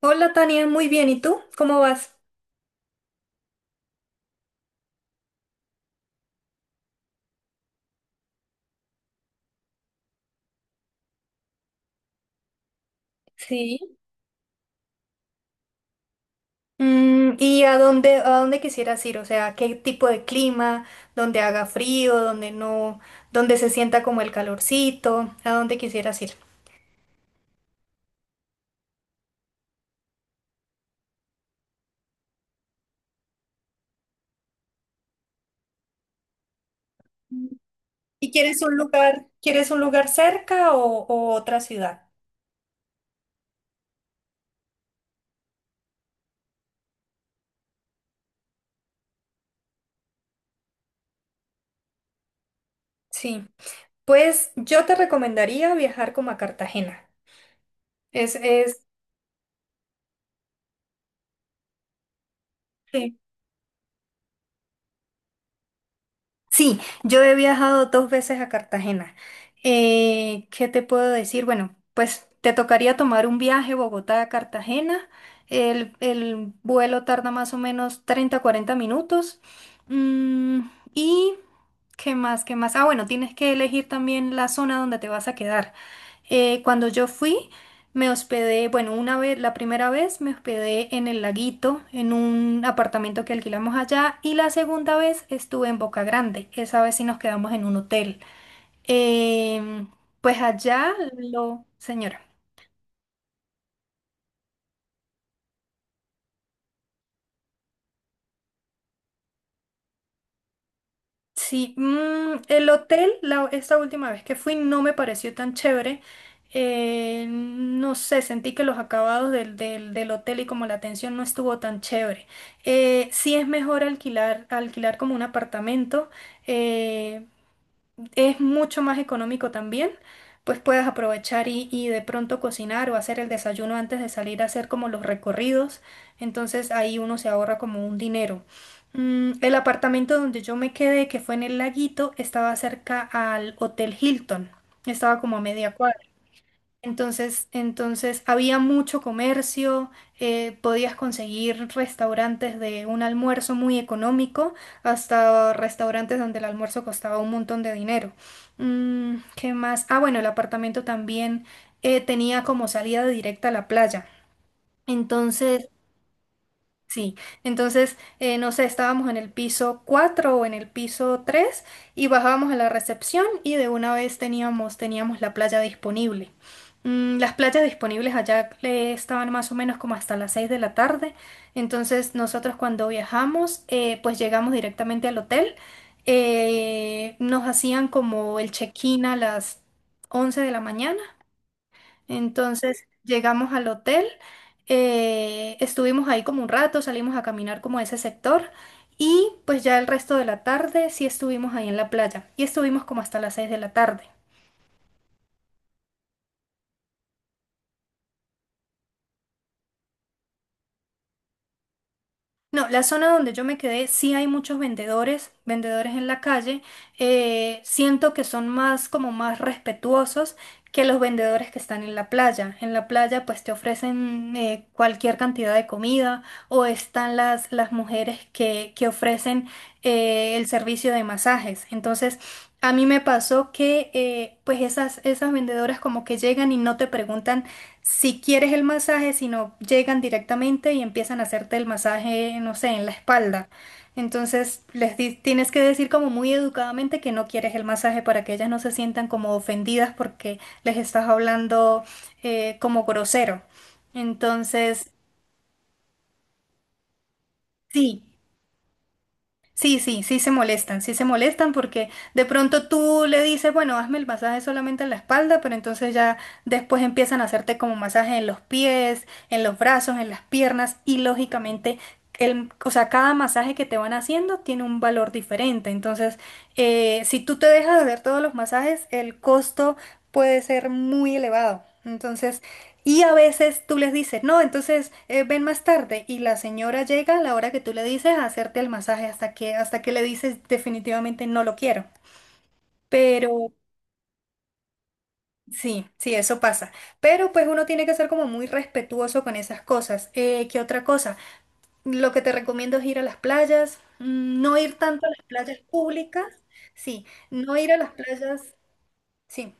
Hola Tania, muy bien. ¿Y tú? ¿Cómo vas? Sí. ¿Y a dónde, quisieras ir? O sea, ¿qué tipo de clima? ¿Dónde haga frío? ¿Dónde no? ¿Dónde se sienta como el calorcito? ¿A dónde quisieras ir? ¿Y quieres un lugar, cerca o otra ciudad? Sí. Pues yo te recomendaría viajar como a Cartagena. Es, es, Sí. Sí, yo he viajado dos veces a Cartagena. ¿Qué te puedo decir? Bueno, pues te tocaría tomar un viaje Bogotá a Cartagena. El vuelo tarda más o menos 30 40 minutos. Mm, ¿y qué más? ¿Qué más? Ah, bueno, tienes que elegir también la zona donde te vas a quedar. Cuando yo fui, me hospedé, bueno, una vez, la primera vez me hospedé en el Laguito, en un apartamento que alquilamos allá, y la segunda vez estuve en Boca Grande. Esa vez sí nos quedamos en un hotel. Em, pues allá lo, señora. Sí, el hotel, esta última vez que fui, no me pareció tan chévere. No sé, sentí que los acabados del hotel y como la atención no estuvo tan chévere. Sí es mejor alquilar, como un apartamento. eh, es mucho más económico también, pues puedes aprovechar y de pronto cocinar o hacer el desayuno antes de salir a hacer como los recorridos, entonces ahí uno se ahorra como un dinero. El apartamento donde yo me quedé, que fue en el Laguito, estaba cerca al Hotel Hilton, estaba como a media cuadra. Entonces, había mucho comercio, podías conseguir restaurantes de un almuerzo muy económico hasta restaurantes donde el almuerzo costaba un montón de dinero. ¿Qué más? Ah, bueno, el apartamento también tenía como salida directa a la playa. Entonces, Sí, entonces, no sé, estábamos en el piso 4 o en el piso 3 y bajábamos a la recepción y de una vez teníamos, la playa disponible. Las playas disponibles allá estaban más o menos como hasta las 6 de la tarde, entonces nosotros cuando viajamos, pues llegamos directamente al hotel, nos hacían como el check-in a las 11 de la mañana, entonces llegamos al hotel, estuvimos ahí como un rato, salimos a caminar como a ese sector, y pues ya el resto de la tarde sí estuvimos ahí en la playa y estuvimos como hasta las 6 de la tarde. No, la zona donde yo me quedé, sí hay muchos vendedores, vendedores en la calle. Siento que son más como más respetuosos que los vendedores que están en la playa. En la playa pues te ofrecen cualquier cantidad de comida, o están las mujeres que ofrecen el servicio de masajes. Entonces, a mí me pasó que pues esas vendedoras como que llegan y no te preguntan si quieres el masaje, sino llegan directamente y empiezan a hacerte el masaje, no sé, en la espalda. Entonces les tienes que decir como muy educadamente que no quieres el masaje, para que ellas no se sientan como ofendidas porque les estás hablando como grosero. Entonces, sí. Sí, sí, sí se molestan, sí se molestan, porque de pronto tú le dices, bueno, hazme el masaje solamente en la espalda, pero entonces ya después empiezan a hacerte como masaje en los pies, en los brazos, en las piernas y, lógicamente, o sea, cada masaje que te van haciendo tiene un valor diferente. Entonces, si tú te dejas de hacer todos los masajes, el costo puede ser muy elevado. Entonces, y a veces tú les dices, no, entonces ven más tarde, y la señora llega a la hora que tú le dices a hacerte el masaje hasta que, le dices definitivamente no lo quiero. Pero sí, sí, eso pasa. Pero pues uno tiene que ser como muy respetuoso con esas cosas. ¿Qué otra cosa? Lo que te recomiendo es ir a las playas, no ir tanto a las playas públicas, sí, no ir a las playas, sí.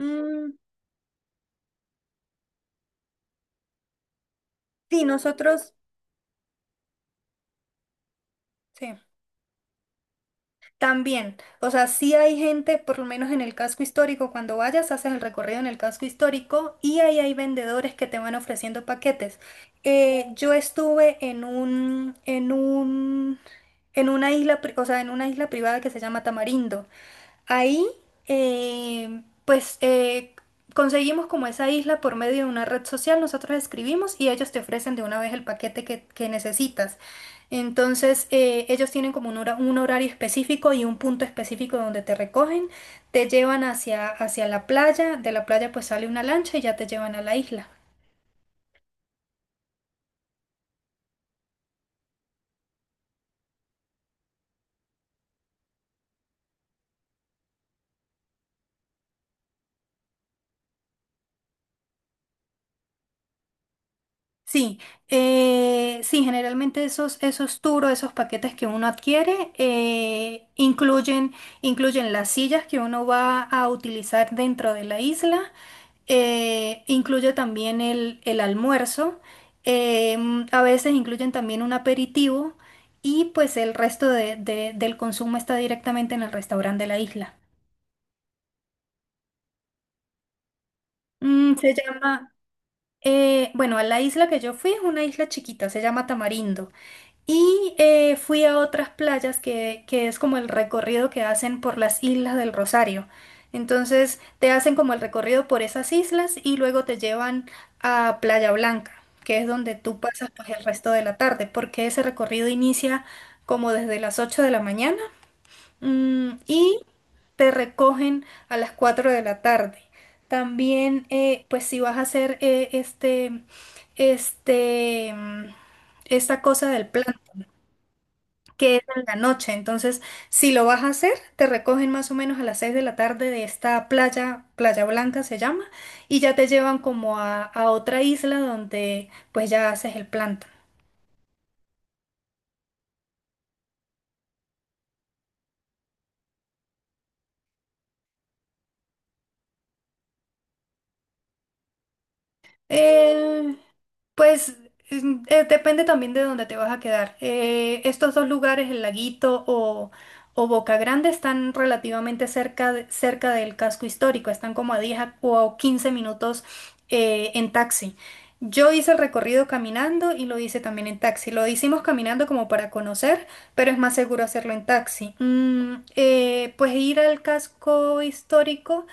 Mm, sí, nosotros, sí. También, o sea, sí hay gente, por lo menos en el casco histórico, cuando vayas, haces el recorrido en el casco histórico, y ahí hay vendedores que te van ofreciendo paquetes. Yo estuve en un, en una isla, o sea, en una isla privada que se llama Tamarindo. Ahí, pues conseguimos como esa isla por medio de una red social, nosotros escribimos y ellos te ofrecen de una vez el paquete que necesitas. Entonces, ellos tienen como un horario específico y un punto específico donde te recogen, te llevan hacia, la playa, de la playa pues sale una lancha y ya te llevan a la isla. Sí, sí, generalmente esos, esos paquetes que uno adquiere, incluyen, las sillas que uno va a utilizar dentro de la isla, incluye también el almuerzo, eh, a veces incluyen también un aperitivo, y pues el resto del consumo está directamente en el restaurante de la isla. Mm, se llama, bueno, a la isla que yo fui es una isla chiquita, se llama Tamarindo. Y fui a otras playas, que es como el recorrido que hacen por las Islas del Rosario. Entonces te hacen como el recorrido por esas islas y luego te llevan a Playa Blanca, que es donde tú pasas pues el resto de la tarde, porque ese recorrido inicia como desde las 8 de la mañana, y te recogen a las 4 de la tarde. También pues si vas a hacer este, mm, esta cosa del plan que es en la noche. Entonces, si lo vas a hacer, te recogen más o menos a las 6 de la tarde de esta playa, Playa Blanca se llama, y ya te llevan como a otra isla donde pues ya haces el planta. Pues depende también de dónde te vas a quedar. Estos dos lugares, el Laguito o Boca Grande, están relativamente cerca, cerca del casco histórico, están como a 10 o a 15 minutos en taxi. Yo hice el recorrido caminando y lo hice también en taxi. Lo hicimos caminando como para conocer, pero es más seguro hacerlo en taxi. Pues ir al casco histórico.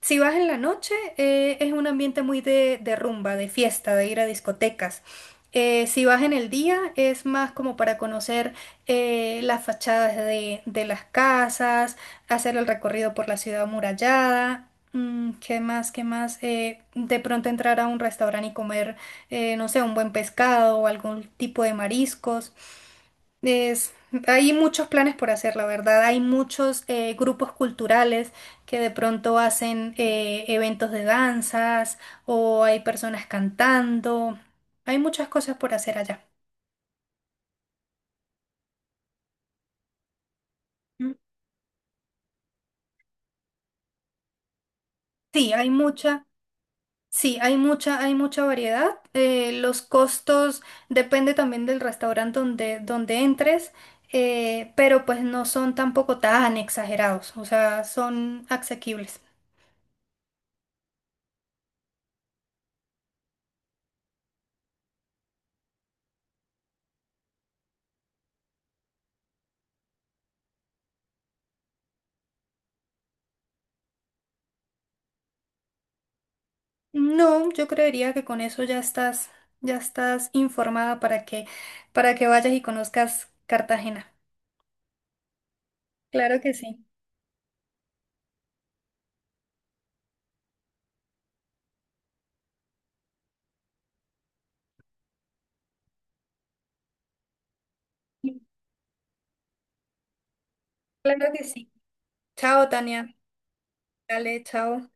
Si vas en la noche, es un ambiente muy de rumba, de fiesta, de ir a discotecas. Si vas en el día, es más como para conocer las fachadas de las casas, hacer el recorrido por la ciudad amurallada. ¿Qué más? ¿Qué más? De pronto entrar a un restaurante y comer, no sé, un buen pescado o algún tipo de mariscos. Es, Hay muchos planes por hacer, la verdad. Hay muchos grupos culturales que de pronto hacen eventos de danzas, o hay personas cantando. Hay muchas cosas por hacer allá. Mm. Sí, hay mucha, sí, hay mucha, variedad. Los costos depende también del restaurante donde entres, pero pues no son tampoco tan exagerados, o sea, son asequibles. No, yo creería que con eso ya estás, informada, para que vayas y conozcas Cartagena. Claro que sí. Claro que sí. Chao, Tania. Dale, chao.